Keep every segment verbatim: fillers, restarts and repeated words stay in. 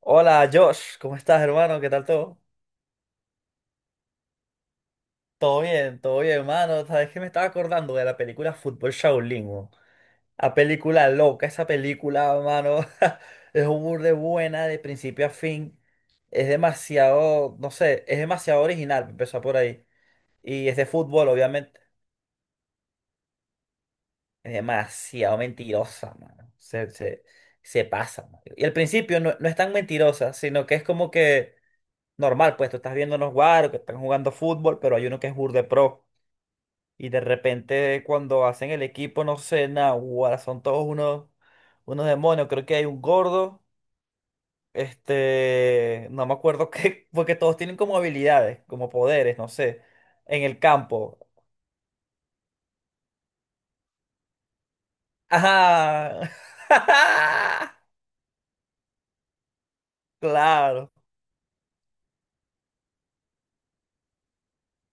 Hola Josh, ¿cómo estás hermano? ¿Qué tal todo? Todo bien, todo bien hermano. Sabes que me estaba acordando de la película Fútbol Shaolin, weón. La película loca, esa película, hermano. Es un burde buena de principio a fin. Es demasiado, no sé, es demasiado original, empezó por ahí. Y es de fútbol, obviamente. Es demasiado mentirosa, mano. Se, se, se pasa. Mano. Y al principio no, no es tan mentirosa, sino que es como que normal, pues tú estás viendo unos guaros que están jugando fútbol, pero hay uno que es burde pro. Y de repente cuando hacen el equipo, no sé, nada, guara, son todos unos, unos demonios. Creo que hay un gordo, este, no me acuerdo qué, porque todos tienen como habilidades, como poderes, no sé, en el campo. Ajá. Claro.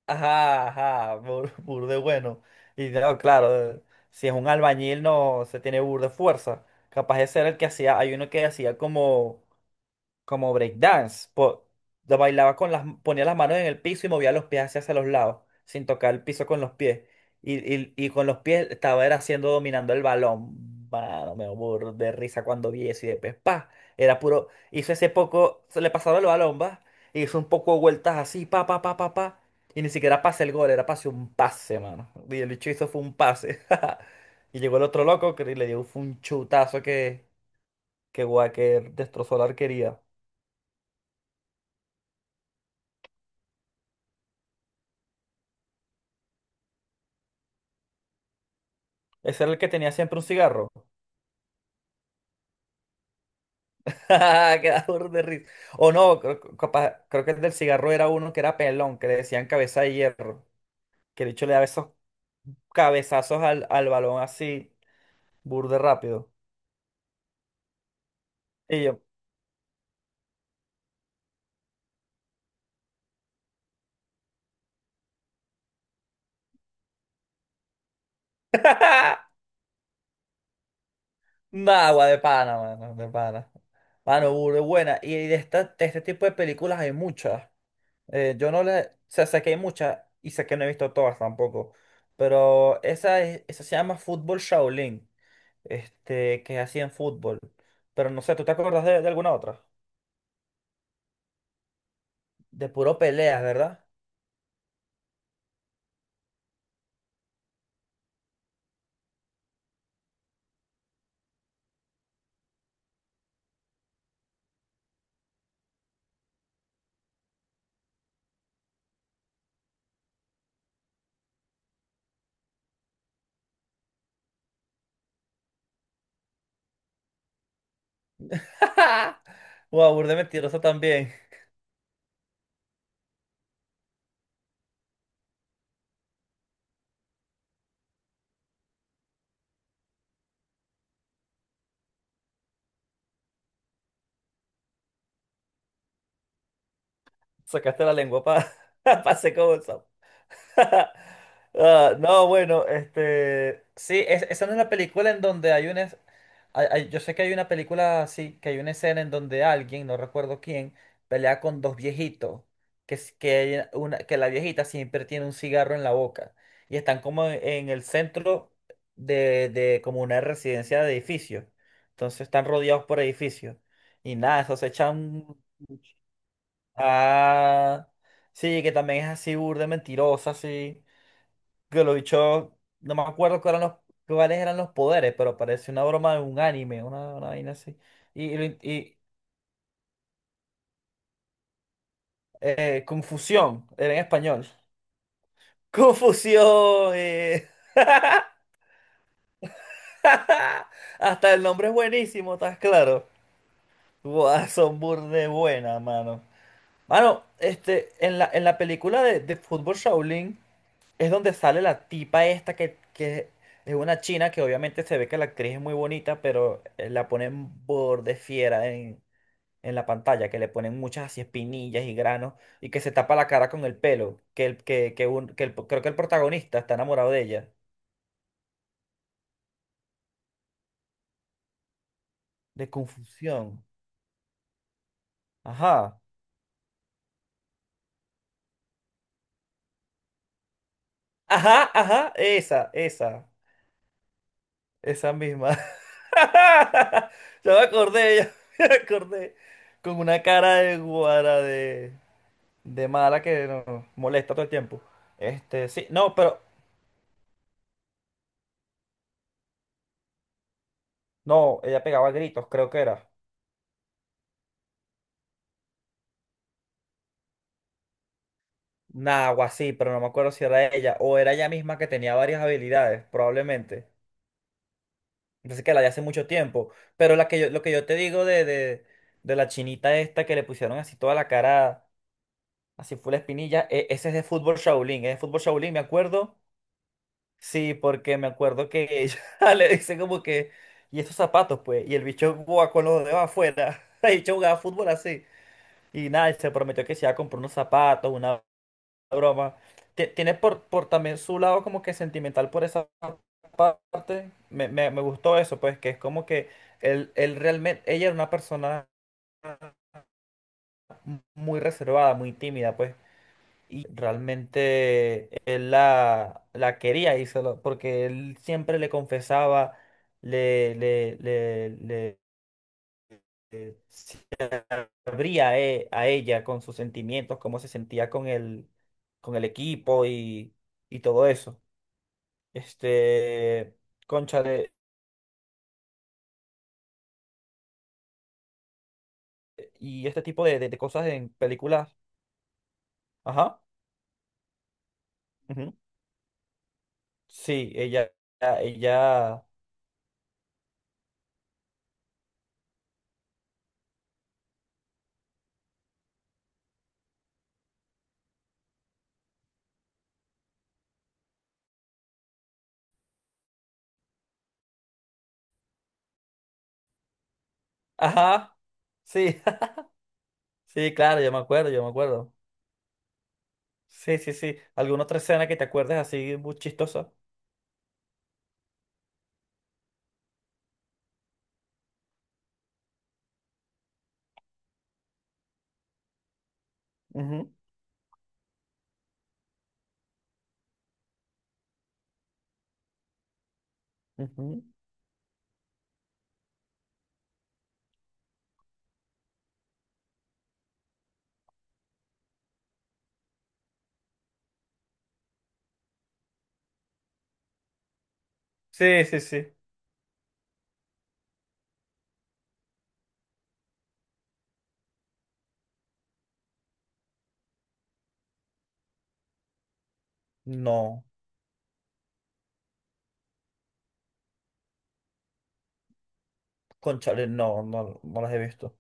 Ajá, ajá, bur- burde bueno. Y no, claro, eh, si es un albañil no se tiene burde fuerza. Capaz de ser el que hacía, hay uno que hacía como como breakdance. po- Lo bailaba con las, ponía las manos en el piso y movía los pies hacia, hacia los lados, sin tocar el piso con los pies. Y, y- y con los pies estaba era haciendo, dominando el balón. Mano, me burro de risa cuando vi eso y después, pa, era puro, hizo ese poco, se le pasaba el balón, va, e hizo un poco de vueltas así, pa, pa, pa, pa, pa, y ni siquiera pase el gol, era pase un pase, mano. Y el bicho hizo fue un pase. Y llegó el otro loco que le dio fue un chutazo que, que, gua- que destrozó la arquería. Ese era el que tenía siempre un cigarro. Queda burda de risa. O no, creo, capaz- creo que el del cigarro era uno que era pelón, que le decían cabeza de hierro. Que el hecho le daba esos cabezazos al, al balón así, burde rápido. Y yo, ¡nah, agua de pana, mano, de pana! Mano, burde buena. Y de, esta, de este tipo de películas hay muchas. Eh, yo no le. O sea, sé que hay muchas y sé que no he visto todas tampoco. Pero esa, es- esa se llama Fútbol Shaolin. Este, que hacían fútbol. Pero no sé, ¿tú te acuerdas de, de alguna otra? De puro peleas, ¿verdad? Wow, burde mentiroso también. Sacaste la lengua para pa pa' hacer como eso. Ah, no, bueno, este, sí, es- esa no es la película en donde hay una, es- hay- hay- yo sé que hay una película así, que hay una escena en donde alguien, no recuerdo quién, pelea con dos viejitos, que, es- que, hay una, que la viejita siempre tiene un cigarro en la boca y están como en, en el centro de, de como una residencia de edificios, entonces están rodeados por edificios y nada, eso se echan, ah, sí, que también es así burda, mentirosa, así que lo dicho, no me acuerdo cuáles eran los, cuáles eran los poderes, pero parece una broma de un anime, una, una vaina así. Y, y, lo in- y, eh, confusión, era en español. Confusión. eh. Hasta el nombre es buenísimo, ¿estás claro? Guau, son burde buena, mano. Mano, este, en la, en la película de, de Fútbol Shaolin. Es donde sale la tipa esta que, que es una china que obviamente se ve que la actriz es muy bonita, pero eh, la ponen borde fiera en, en la pantalla, que le ponen muchas así espinillas y granos y que se tapa la cara con el pelo, que, el, que, que, un- que el- creo que el protagonista está enamorado de ella, de confusión. Ajá, ajá, ajá, esa, esa, esa misma. Ya me acordé, ya me acordé, con una cara de guara. De mala que no, molesta todo el tiempo. Este, sí, no, pero no, ella pegaba gritos, creo que era. Nah, algo así, pero no me acuerdo si era ella o era ella misma que tenía varias habilidades, probablemente. Entonces que la de hace mucho tiempo. Pero la que yo, lo que yo te digo de, de, de la chinita esta que le pusieron así toda la cara, así fue la espinilla, e- ese es de fútbol Shaolin, es de fútbol Shaolin, me acuerdo. Sí, porque me acuerdo que ella le dice como que, y esos zapatos, pues, y el bicho jugaba con los dedos afuera. El bicho jugaba fútbol así. Y nada, y se prometió que se iba a comprar unos zapatos, una broma. Ti- Tiene por, por también su lado como que sentimental por esa parte. Me, me, me gustó eso, pues, que es como que él, él realmente, ella era una persona muy reservada, muy tímida, pues. Y realmente él la, la quería y se lo- porque él siempre le confesaba, le, le, le, le- le- abría a, e- a ella con sus sentimientos, cómo se sentía con el, con el equipo y, y todo eso. Este, concha de, y este tipo de, de- de cosas en películas. Ajá. Ujú. Sí, ella, ella, ajá. Sí, sí, claro, yo me acuerdo, yo me acuerdo. Sí, sí, sí. ¿Alguna otra escena que te acuerdes así muy chistosa? Ujú, ujú. Sí, sí, sí. No, cónchale no, no, no las he visto.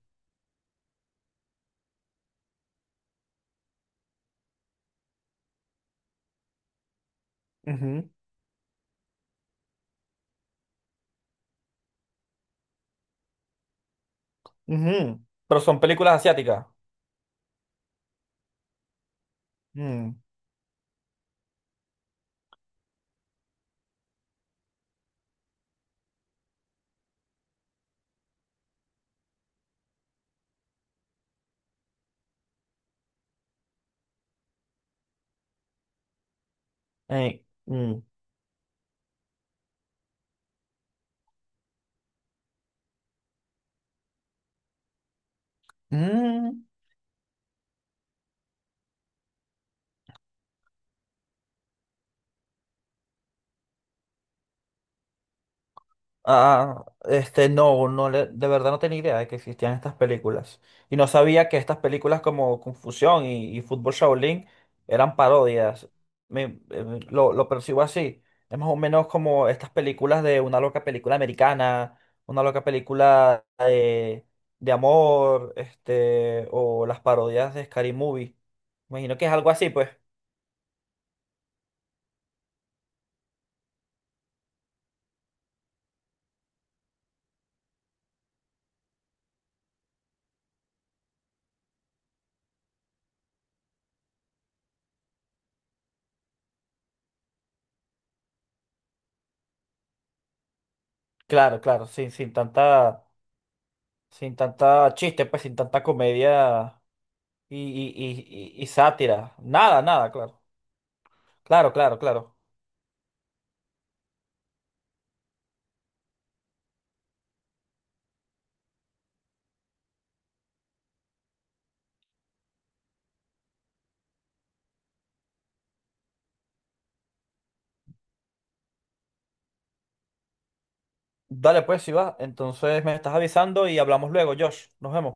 Ujú. Pero son películas asiáticas. Mm. Eh, mm. Mm. Ah, este, no, no le- de verdad no tenía idea de que existían estas películas. Y no sabía que estas películas como Confusión y, y Fútbol Shaolin eran parodias. Me- eh, lo, lo percibo así. Es más o menos como estas películas de una loca película americana, una loca película de, de amor, este, o las parodias de Scary Movie. Imagino que es algo así, pues. Claro, claro, sin, sin tanta, sin tanta chiste, pues sin tanta comedia y, y, y, y- y sátira. Nada, nada, claro. Claro, claro, claro. Dale pues, si va. Entonces me estás avisando y hablamos luego, Josh. Nos vemos.